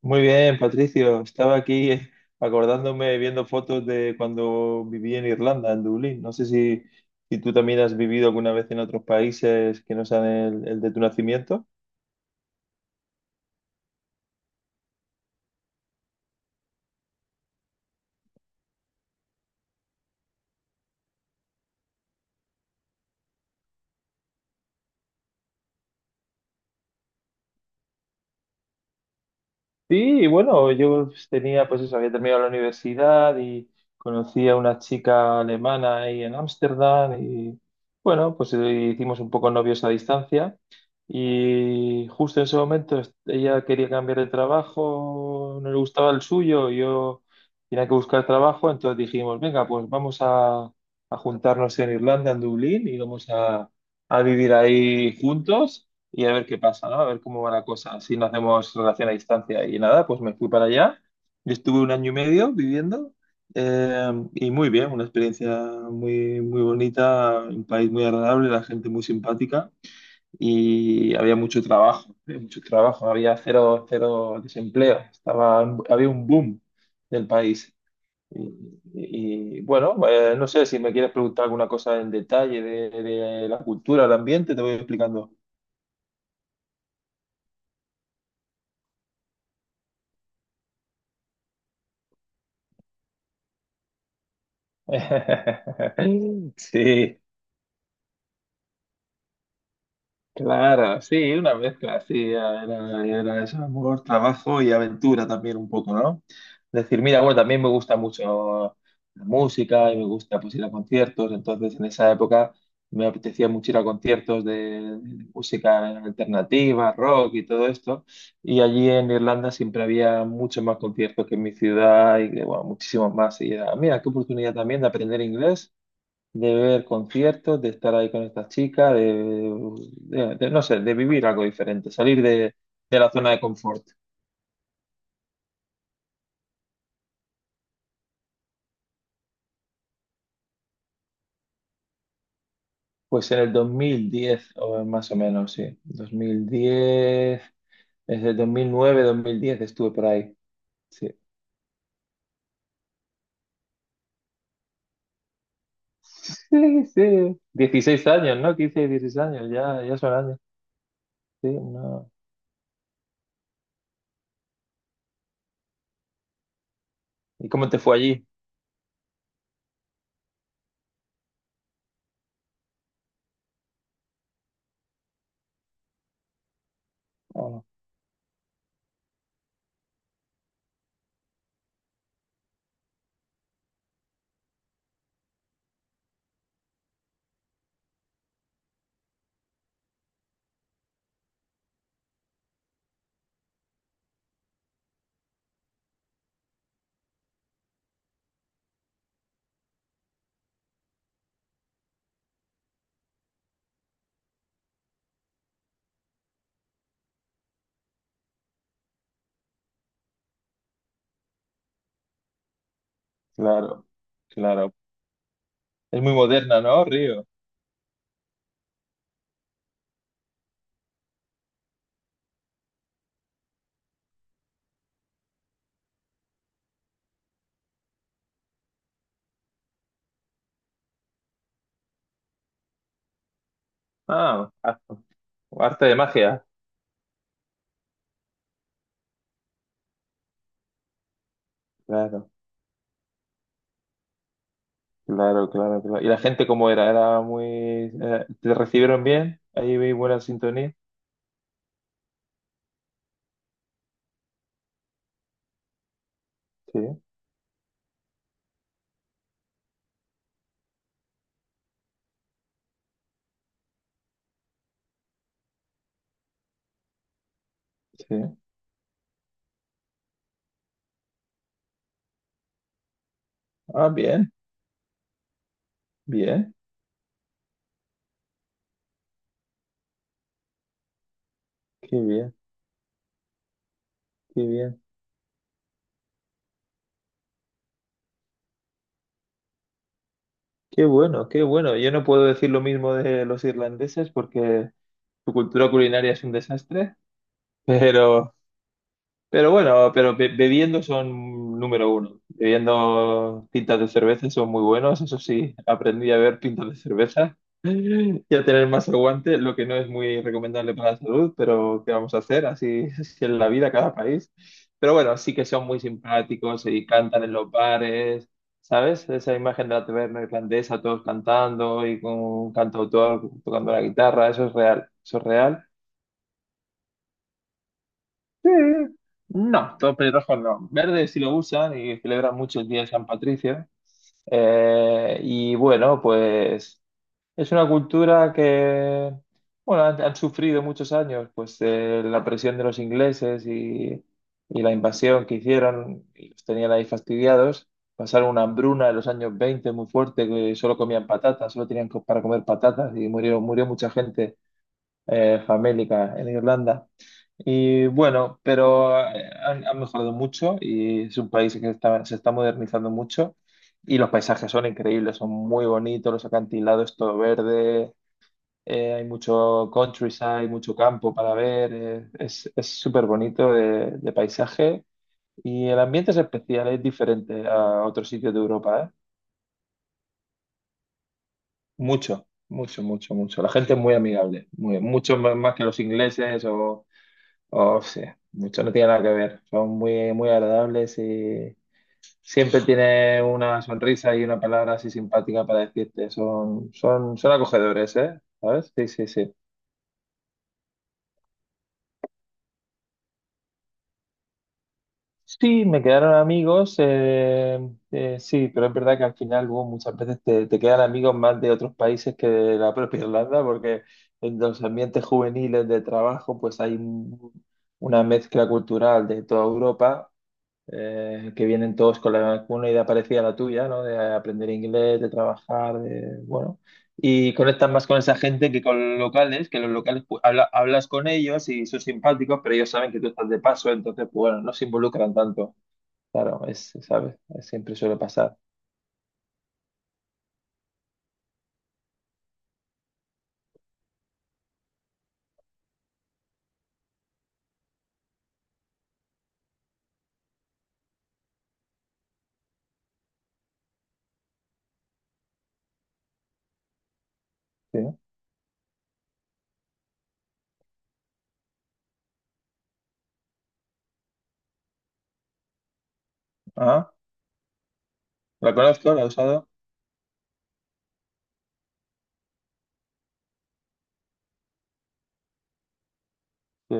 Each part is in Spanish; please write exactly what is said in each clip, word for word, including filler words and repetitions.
Muy bien, Patricio. Estaba aquí eh, acordándome, viendo fotos de cuando viví en Irlanda, en Dublín. No sé si, si tú también has vivido alguna vez en otros países que no sean el, el de tu nacimiento. Sí, y bueno, yo tenía, pues eso, había terminado la universidad y conocí a una chica alemana ahí en Ámsterdam y bueno, pues eh, hicimos un poco novios a distancia y justo en ese momento est- ella quería cambiar de trabajo, no le gustaba el suyo, yo tenía que buscar trabajo, entonces dijimos, venga, pues vamos a, a juntarnos en Irlanda, en Dublín y vamos a, a vivir ahí juntos y a ver qué pasa, ¿no? A ver cómo va la cosa, si no hacemos relación a distancia. Y nada, pues me fui para allá. Yo estuve un año y medio viviendo, eh, y muy bien, una experiencia muy, muy bonita, un país muy agradable, la gente muy simpática y había mucho trabajo, había mucho trabajo, había cero, cero desempleo, estaba, había un boom del país. Y, y, bueno, eh, no sé si me quieres preguntar alguna cosa en detalle de, de la cultura, el ambiente, te voy explicando. Sí, claro, sí, una mezcla, así era, era eso, amor, trabajo y aventura también un poco, ¿no? Es decir, mira, bueno, también me gusta mucho la música y me gusta pues ir a conciertos, entonces en esa época me apetecía mucho ir a conciertos de, de música alternativa, rock y todo esto, y allí en Irlanda siempre había muchos más conciertos que en mi ciudad y, bueno, muchísimos más, y era, mira, qué oportunidad también de aprender inglés, de ver conciertos, de estar ahí con estas chicas de, de- de- no sé, de vivir algo diferente, salir de, de la zona de confort. Pues en el dos mil diez o más o menos, sí, dos mil diez desde el dos mil nueve, dos mil diez estuve por ahí. Sí, sí, sí. dieciséis años, ¿no? quince, dieciséis años, ya, ya son años. Sí, no. ¿Y cómo te fue allí? Ah, claro, claro. Es muy moderna, ¿no, Río? Ah, arte de magia. Claro. Claro, claro, claro. ¿Y la gente cómo era? Era muy... eh, ¿Te recibieron bien? Ahí vi buena sintonía. Sí, sí. Ah, bien, bien. Qué bien, qué bien. Qué bueno, qué bueno. Yo no puedo decir lo mismo de los irlandeses porque su cultura culinaria es un desastre. pero Pero bueno, pero be- bebiendo son número uno. Bebiendo pintas de cerveza son muy buenos, eso sí, aprendí a ver pintas de cerveza y a tener más aguante, lo que no es muy recomendable para la salud, pero ¿qué vamos a hacer? Así es en la vida cada país. Pero bueno, sí que son muy simpáticos y cantan en los bares, ¿sabes? Esa imagen de la taberna irlandesa, todos cantando y con un cantautor tocando la guitarra, eso es real, eso es real. Sí, no, todos pelirrojos no. Verde sí lo usan y celebran mucho el Día de San Patricio. Eh, y bueno, pues es una cultura que, bueno, han, han sufrido muchos años, pues eh, la presión de los ingleses y, y la invasión que hicieron, y los tenían ahí fastidiados. Pasaron una hambruna en los años veinte muy fuerte, que solo comían patatas, solo tenían co- para comer patatas y murió, murió mucha gente, eh, famélica en Irlanda. Y bueno, pero eh, han, han mejorado mucho y es un país que está- se está modernizando mucho y los paisajes son increíbles, son muy bonitos, los acantilados, todo verde, eh, hay mucho countryside, mucho campo para ver, eh, es, es súper bonito de, de paisaje y el ambiente es especial, es diferente a otros sitios de Europa, ¿eh? Mucho, mucho, mucho, mucho. La gente es muy amigable, muy, mucho más más que los ingleses. O Oh, sí, mucho no tiene nada que ver. Son muy, muy agradables y siempre tiene una sonrisa y una palabra así simpática para decirte. Son, son, son acogedores, ¿eh? ¿Sabes? Sí, sí, sí. Sí, me quedaron amigos, eh, eh, sí, pero es verdad que al final luego muchas veces te, te quedan amigos más de otros países que de la propia Irlanda, porque en los ambientes juveniles de trabajo pues hay un- una mezcla cultural de toda Europa, eh, que vienen todos con la, con una idea parecida a la tuya, ¿no? De aprender inglés, de trabajar, de, bueno, y conectas más con esa gente que con los locales, que los locales pues, habla- hablas con ellos y son simpáticos, pero ellos saben que tú estás de paso, entonces, pues bueno, no se involucran tanto. Claro, es, ¿sabes? Siempre suele pasar. Sí. ¿No? Ah, la conozco, la he usado. Sí,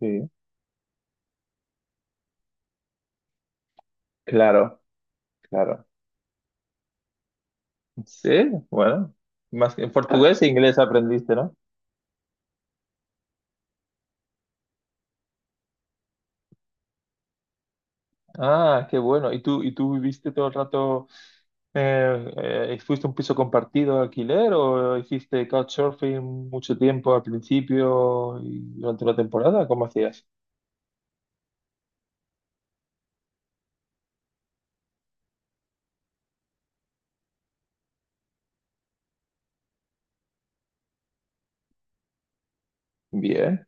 sí. Claro, claro. Sí, bueno. Más que en portugués e inglés aprendiste, ¿no? Ah, qué bueno. ¿Y tú, y tú viviste todo el rato? Eh, eh, ¿Fuiste un piso compartido de alquiler o hiciste couchsurfing mucho tiempo al principio y durante la temporada? ¿Cómo hacías? Bien,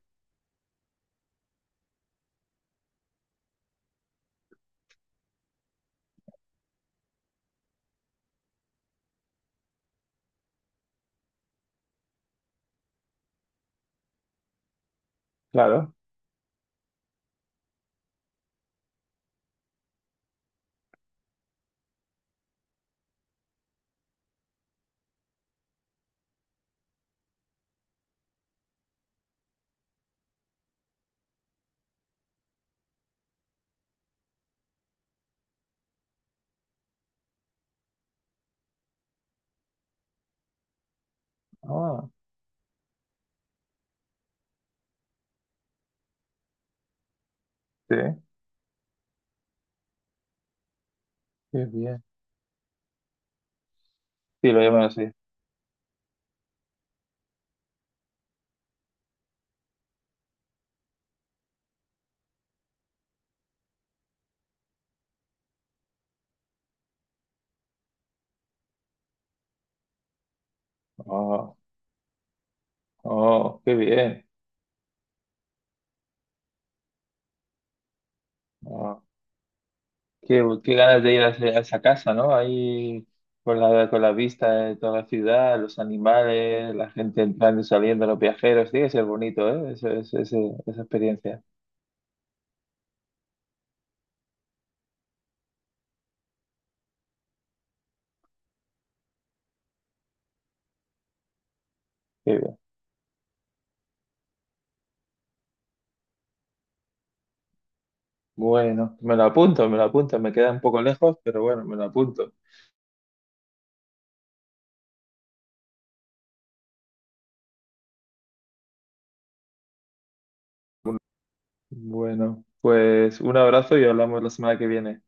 claro. Ah, sí, qué bien. Sí, lo llaman así. Oh, oh, qué bien. Oh, qué, qué ganas de ir a, ese- a esa casa, ¿no? Ahí con la, con la vista de toda la ciudad, los animales, la gente entrando y saliendo, los viajeros. Tiene que ser bonito, ¿eh? Ese- ese- ese- esa experiencia. Bueno, me lo apunto, me lo apunto. Me queda un poco lejos, pero bueno, me lo apunto. Bueno, pues un abrazo y hablamos la semana que viene.